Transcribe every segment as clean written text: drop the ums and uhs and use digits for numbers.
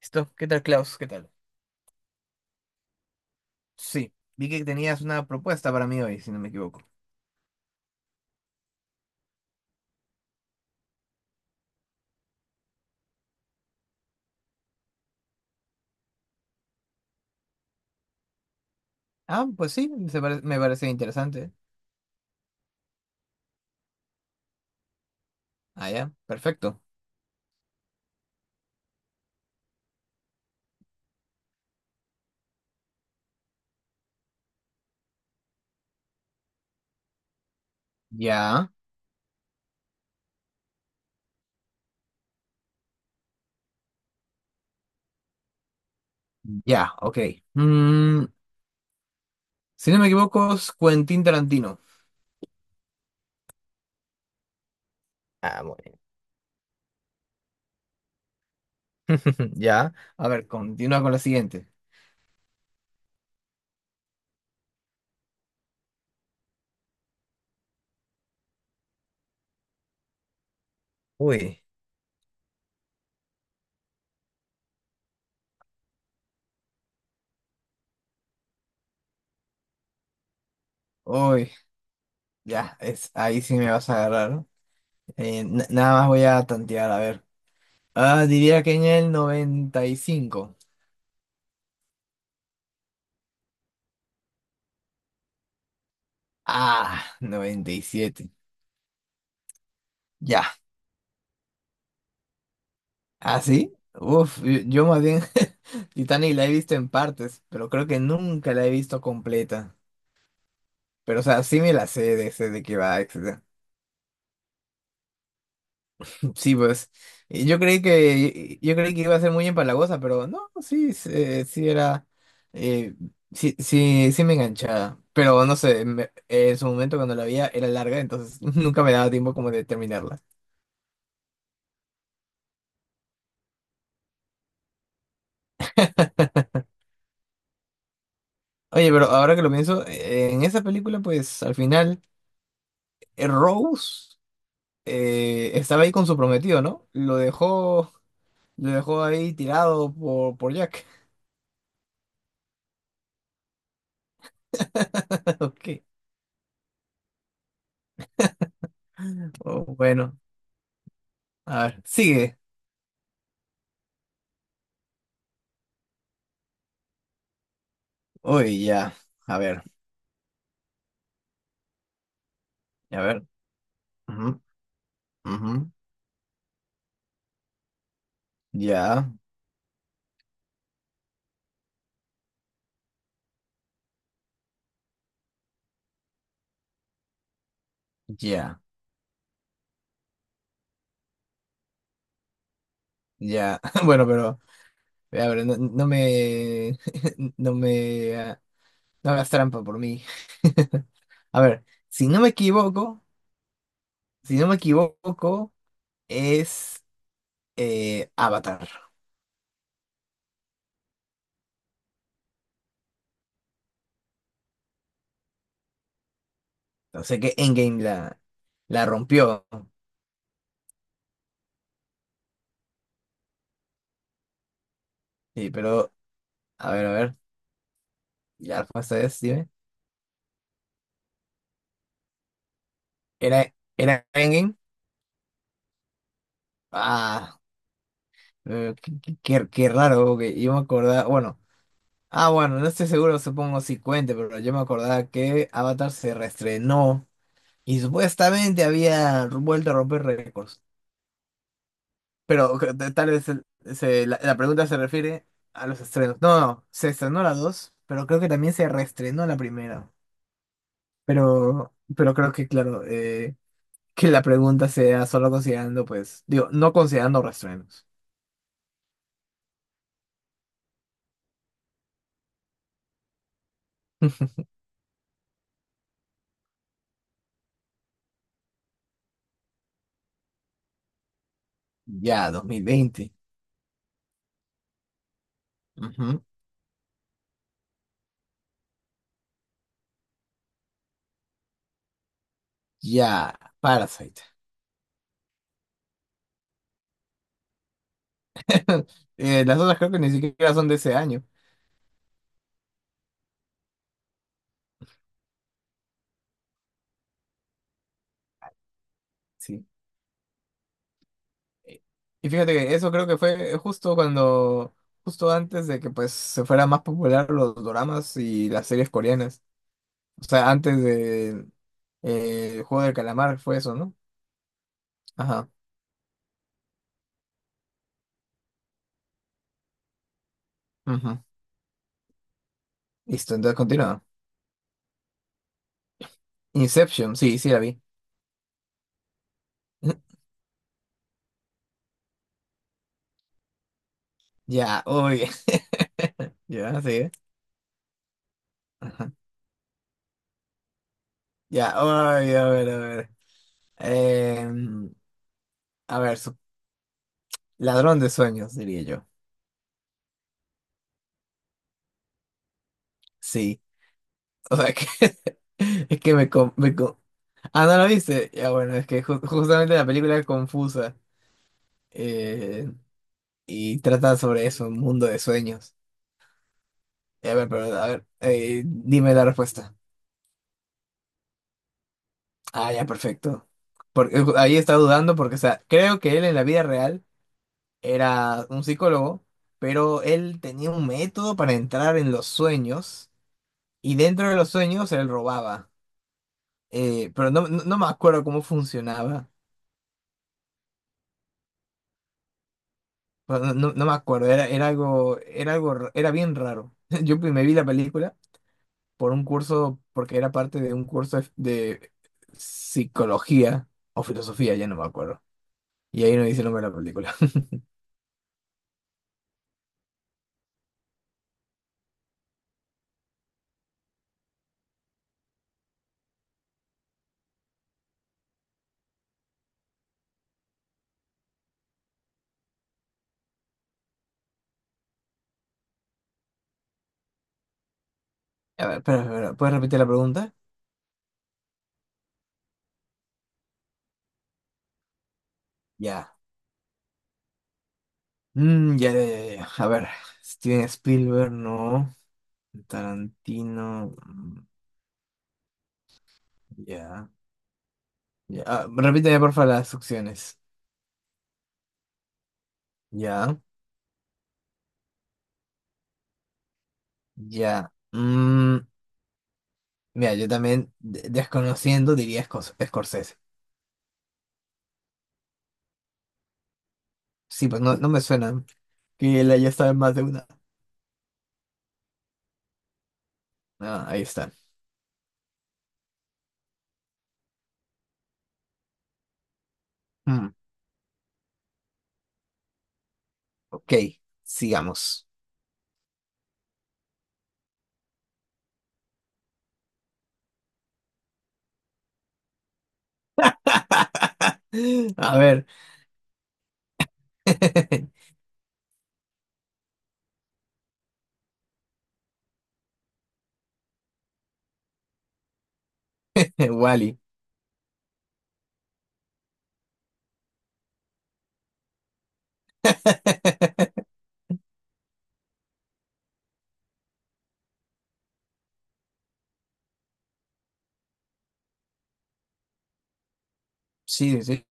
Esto, ¿qué tal, Klaus? ¿Qué tal? Sí, vi que tenías una propuesta para mí hoy, si no me equivoco. Ah, pues sí, me parece interesante. Ah, ya, perfecto. Ya, ya, ok. Mm, si no me equivoco, es Quentin Tarantino. Ah, muy bien. Ya. A ver, continúa con la siguiente. Uy. Uy, ya, es, ahí sí me vas a agarrar. Nada más voy a tantear, a ver. Ah, diría que en el 95. Ah, 97. Ya. ¿Ah, sí? Uf, yo más bien. Titanic la he visto en partes, pero creo que nunca la he visto completa. Pero, o sea, sí me la sé de qué va, etcétera. Sí, pues, y yo creí que iba a ser muy empalagosa, pero no, sí, sí, sí era, eh, sí, sí, sí me enganchaba. Pero, no sé, en su momento cuando la veía era larga, entonces nunca me daba tiempo como de terminarla. Oye, pero ahora que lo pienso, en esa película, pues, al final, Rose estaba ahí con su prometido, ¿no? Lo dejó ahí tirado por Jack. Ok. Oh, bueno, a ver, sigue. Uy, ya. A ver, a ver. Ujú, ujú. Ya, ya, ya. Bueno, pero, a ver, no, no me, no me, ah, no hagas trampa por mí. A ver, si no me equivoco, es Avatar. O sea que Endgame la rompió. Sí, pero, a ver, ya la respuesta es, dime. ¿Era, era Endgame? Ah, qué raro, porque yo me acordaba, bueno, ah, bueno, no estoy seguro, supongo si cuente, pero yo me acordaba que Avatar se reestrenó y supuestamente había vuelto a romper récords. Pero que tal vez la pregunta se refiere a los estrenos. No, no, se estrenó la dos, pero creo que también se reestrenó la primera. Pero creo que, claro, que la pregunta sea solo considerando, pues, digo, no considerando reestrenos. Ya, 2020. Ujú. Ya, Parasite. Las otras creo que ni siquiera son de ese año. Sí. Eh, Y fíjate que eso creo que fue justo cuando, justo antes de que pues se fueran más popular los doramas y las series coreanas. O sea, antes de el juego del calamar fue eso, ¿no? Ajá. Ujú. Listo, entonces continúa. Inception, sí, sí la vi. Ya, uy. Ya, sí. Ajá. Ya, ay, a ver, a ver. Em, a ver, ladrón de sueños, diría yo. Sí, o sea que es que Ah, ¿no la viste? Ya, bueno, es que justamente la película es confusa eh, y trata sobre eso, un mundo de sueños. A ver, pero a ver, dime la respuesta. Ah, ya, perfecto. Porque ahí está dudando porque, o sea, creo que él en la vida real era un psicólogo, pero él tenía un método para entrar en los sueños y dentro de los sueños él robaba. Pero no, no, no me acuerdo cómo funcionaba. Pero no, no me acuerdo, era algo, era algo, era bien raro. Yo me vi la película por un curso, porque era parte de un curso de psicología o filosofía, ya no me acuerdo. Y ahí no dice el nombre de la película. A ver, espera, espera, ¿puedes repetir la pregunta? Ya. Mm, ya, ya, ya, ya. A ver, Steven Spielberg, no. Tarantino, mm, ya. Ya. Ah, repíteme, porfa, las opciones. Ya, ya. Mira, yo también, desconociendo, diría Scorsese. Sí, pues no, no me suena que él haya estado en más de una. Ah, ahí está. Mm, ok, sigamos. A ver, Wally. Sí, sí,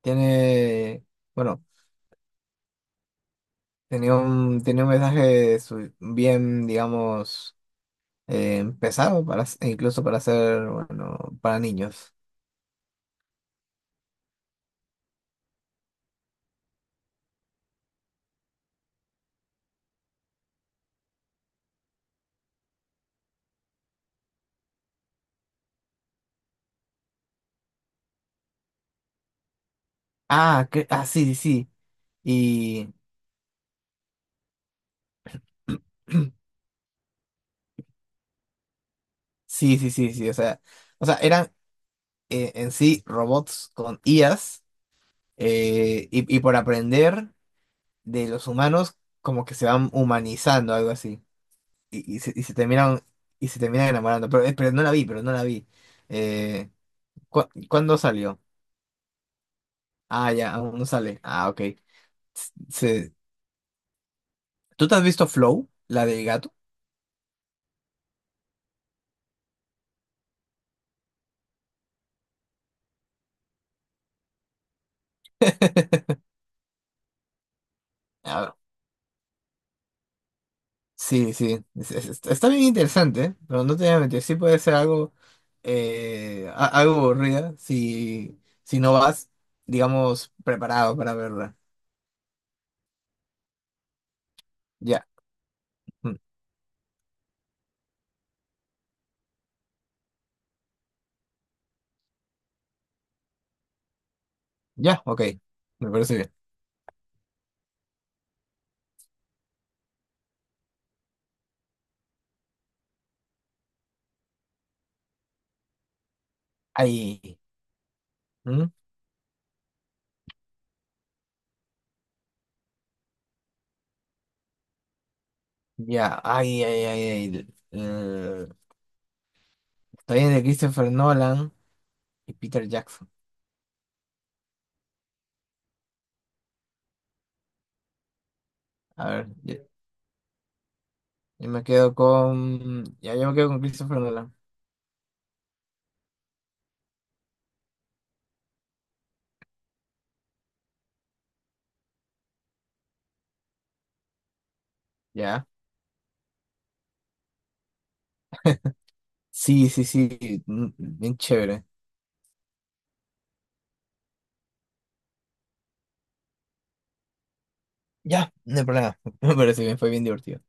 tiene. Bueno. Tenía un mensaje bien, digamos, pesado para, e incluso para ser, bueno, para niños. Ah, que, sí, sí, sí. Y sí, sí, sí, sí. O sea, eran en sí robots con IAs y por aprender de los humanos como que se van humanizando, algo así. Y, y se, y se terminan, y se terminan enamorando. Pero no la vi, pero no la vi. Eh, ¿Cuándo salió? Ah, ya, aún no sale. Ah, ok. se- ¿Tú te has visto Flow, la del gato? Ah, sí, sí. Está bien interesante, ¿eh? Pero no te voy a mentir, sí puede ser algo, algo aburrida si, si no vas, digamos, preparado para verla. Ya, mm, ya, ok. Me parece bien. Ahí. ¿Mm? Ya, ay, ay, ay, ay. Estoy en el Christopher Nolan y Peter Jackson. A ver, ya- yo, me quedo con. Ya, yo me quedo con Christopher Nolan. Ya. Sí, sí, sí, bien chévere. Ya, no hay problema. Me parece bien, fue bien divertido.